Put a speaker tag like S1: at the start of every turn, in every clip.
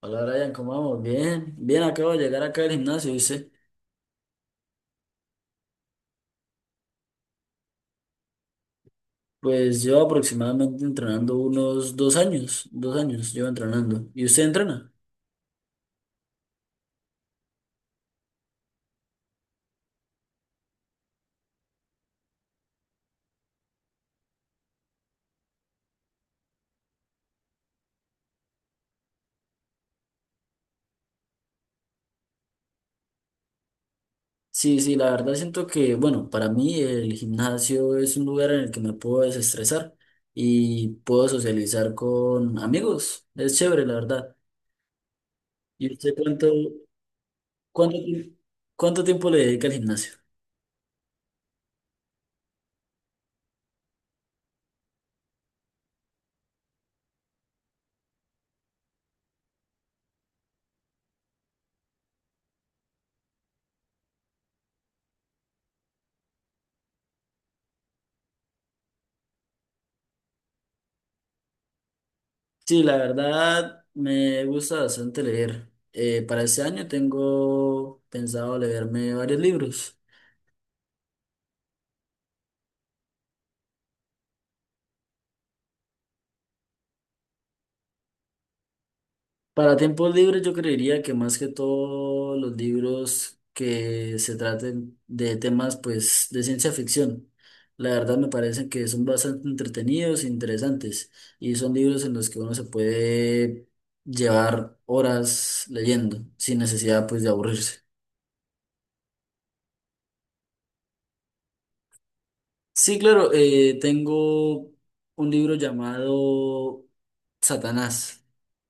S1: Hola Brian, ¿cómo vamos? Bien, bien, acabo de llegar acá al gimnasio, ¿viste? Pues llevo aproximadamente entrenando unos 2 años, 2 años llevo entrenando. ¿Y usted entrena? Sí, sí, la verdad siento que, bueno, para mí el gimnasio es un lugar en el que me puedo desestresar y puedo socializar con amigos. Es chévere, la verdad. ¿Y usted cuánto, ti- cuánto tiempo le dedica al gimnasio? Sí, la verdad me gusta bastante leer. Para este año tengo pensado leerme varios libros. Para tiempos libres yo creería que más que todo los libros que se traten de temas pues de ciencia ficción. La verdad me parecen que son bastante entretenidos e interesantes y son libros en los que uno se puede llevar horas leyendo sin necesidad pues de aburrirse. Sí, claro, tengo un libro llamado Satanás.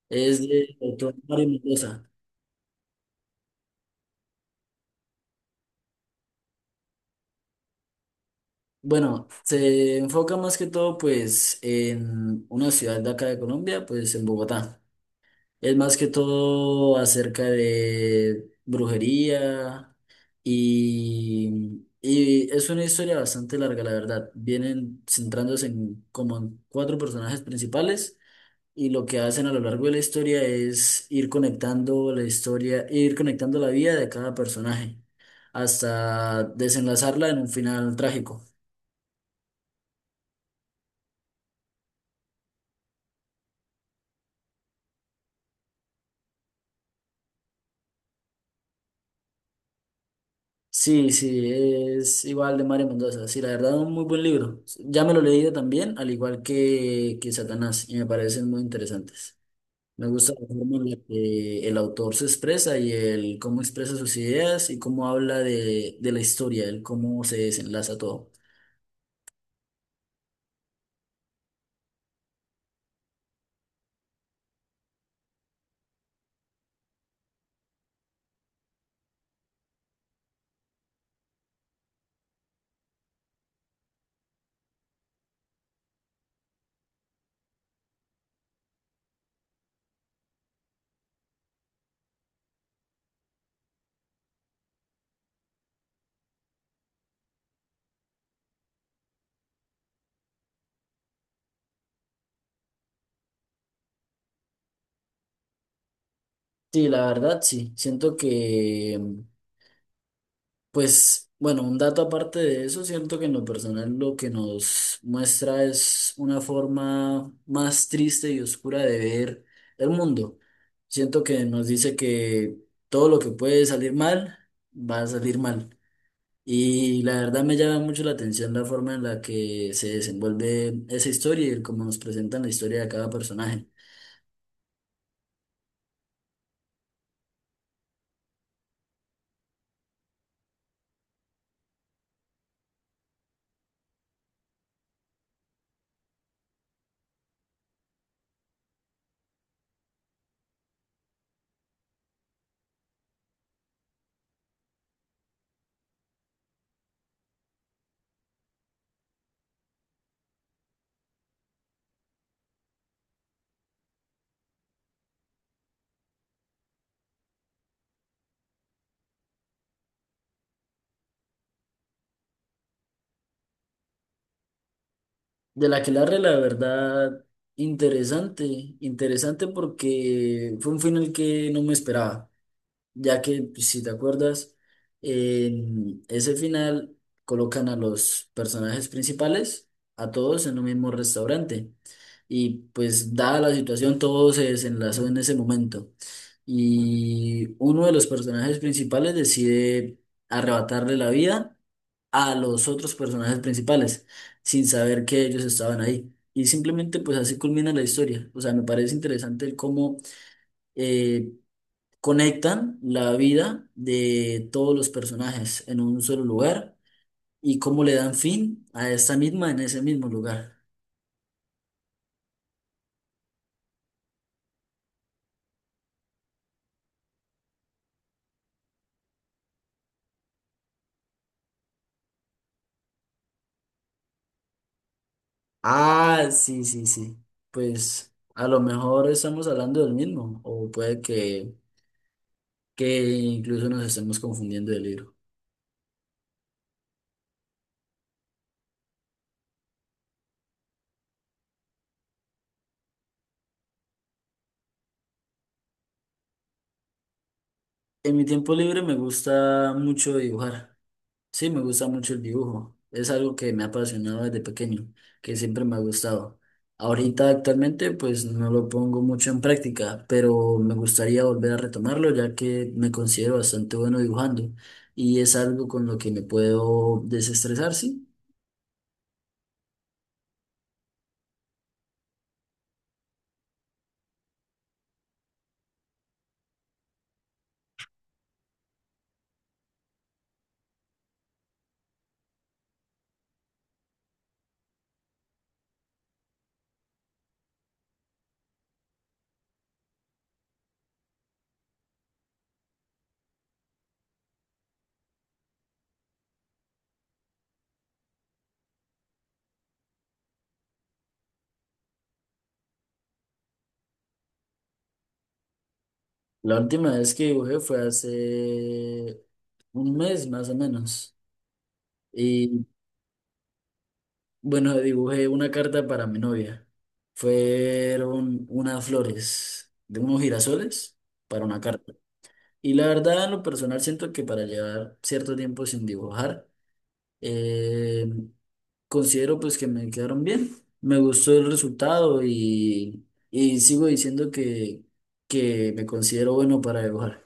S1: Es de autor Mario Mendoza. Bueno, se enfoca más que todo pues en una ciudad de acá de Colombia, pues en Bogotá. Es más que todo acerca de brujería y es una historia bastante larga, la verdad. Vienen centrándose en como en cuatro personajes principales. Y lo que hacen a lo largo de la historia es ir conectando la historia, ir conectando la vida de cada personaje hasta desenlazarla en un final trágico. Sí, sí, es igual de Mario Mendoza. Sí, la verdad, un muy buen libro. Ya me lo he leído también, al igual que Satanás, y me parecen muy interesantes. Me gusta la forma en la que el autor se expresa y el cómo expresa sus ideas y cómo habla de la historia, el cómo se desenlaza todo. Sí, la verdad sí. Siento que, pues, bueno, un dato aparte de eso, siento que en lo personal lo que nos muestra es una forma más triste y oscura de ver el mundo. Siento que nos dice que todo lo que puede salir mal, va a salir mal. Y la verdad me llama mucho la atención la forma en la que se desenvuelve esa historia y el cómo nos presentan la historia de cada personaje. Del Aquelarre, la verdad, interesante, interesante porque fue un final que no me esperaba, ya que, pues, si te acuerdas, en ese final colocan a los personajes principales, a todos en un mismo restaurante, y pues dada la situación, todo se desenlazó en ese momento, y uno de los personajes principales decide arrebatarle la vida a los otros personajes principales sin saber que ellos estaban ahí. Y simplemente pues así culmina la historia. O sea, me parece interesante el cómo eh, conectan la vida de todos los personajes en un solo lugar y cómo le dan fin a esta misma en ese mismo lugar. Ah, sí, sí, sí. Pues a lo mejor estamos hablando del mismo o puede que incluso nos estemos confundiendo del libro. En mi tiempo libre me gusta mucho dibujar. Sí, me gusta mucho el dibujo. Es algo que me ha apasionado desde pequeño, que siempre me ha gustado. Ahorita actualmente pues no lo pongo mucho en práctica, pero me gustaría volver a retomarlo ya que me considero bastante bueno dibujando y es algo con lo que me puedo desestresar, sí. La última vez que dibujé fue hace un mes más o menos. Bueno, dibujé una carta para mi novia. Fueron unas flores de unos girasoles para una carta. Y la verdad, en lo personal, siento que para llevar cierto tiempo sin dibujar, eh, considero pues que me quedaron bien. Me gustó el resultado y sigo diciendo que me considero bueno para dibujar.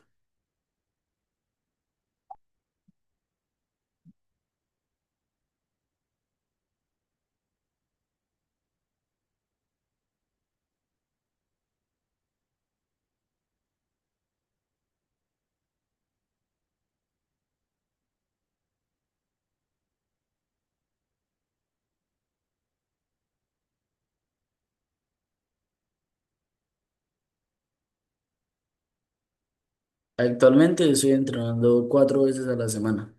S1: Actualmente estoy entrenando cuatro veces a la semana.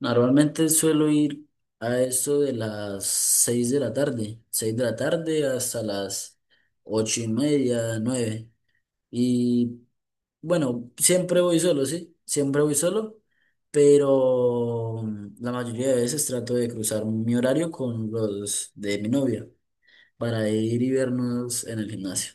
S1: Normalmente suelo ir a eso de las 6 de la tarde, 6 de la tarde hasta las 8:30, 9. Y bueno, siempre voy solo, sí, siempre voy solo, pero la mayoría de veces trato de cruzar mi horario con los de mi novia para ir y vernos en el gimnasio.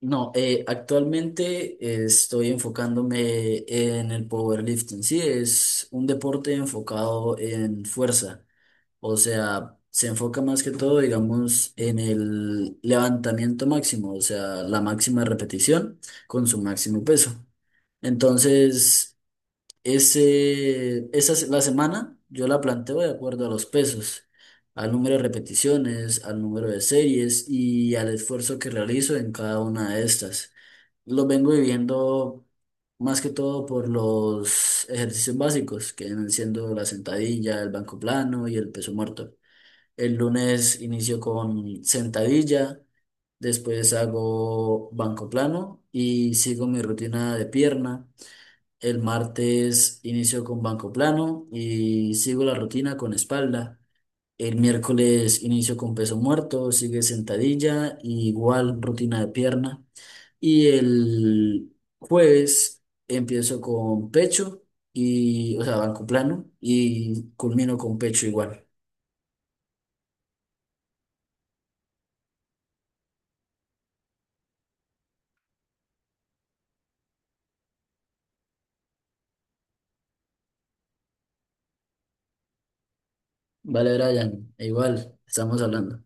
S1: No, actualmente estoy enfocándome en el powerlifting. Sí, es un deporte enfocado en fuerza. O sea, se enfoca más que todo, digamos, en el levantamiento máximo, o sea, la máxima repetición con su máximo peso. Entonces, la semana yo la planteo de acuerdo a los pesos, al número de repeticiones, al número de series y al esfuerzo que realizo en cada una de estas. Lo vengo viviendo más que todo por los ejercicios básicos, que vienen siendo la sentadilla, el banco plano y el peso muerto. El lunes inicio con sentadilla, después hago banco plano y sigo mi rutina de pierna. El martes inicio con banco plano y sigo la rutina con espalda. El miércoles inicio con peso muerto, sigue sentadilla, y igual rutina de pierna. Y el jueves empiezo con pecho y, o sea, banco plano y culmino con pecho igual. Vale, Brian, e igual, estamos hablando.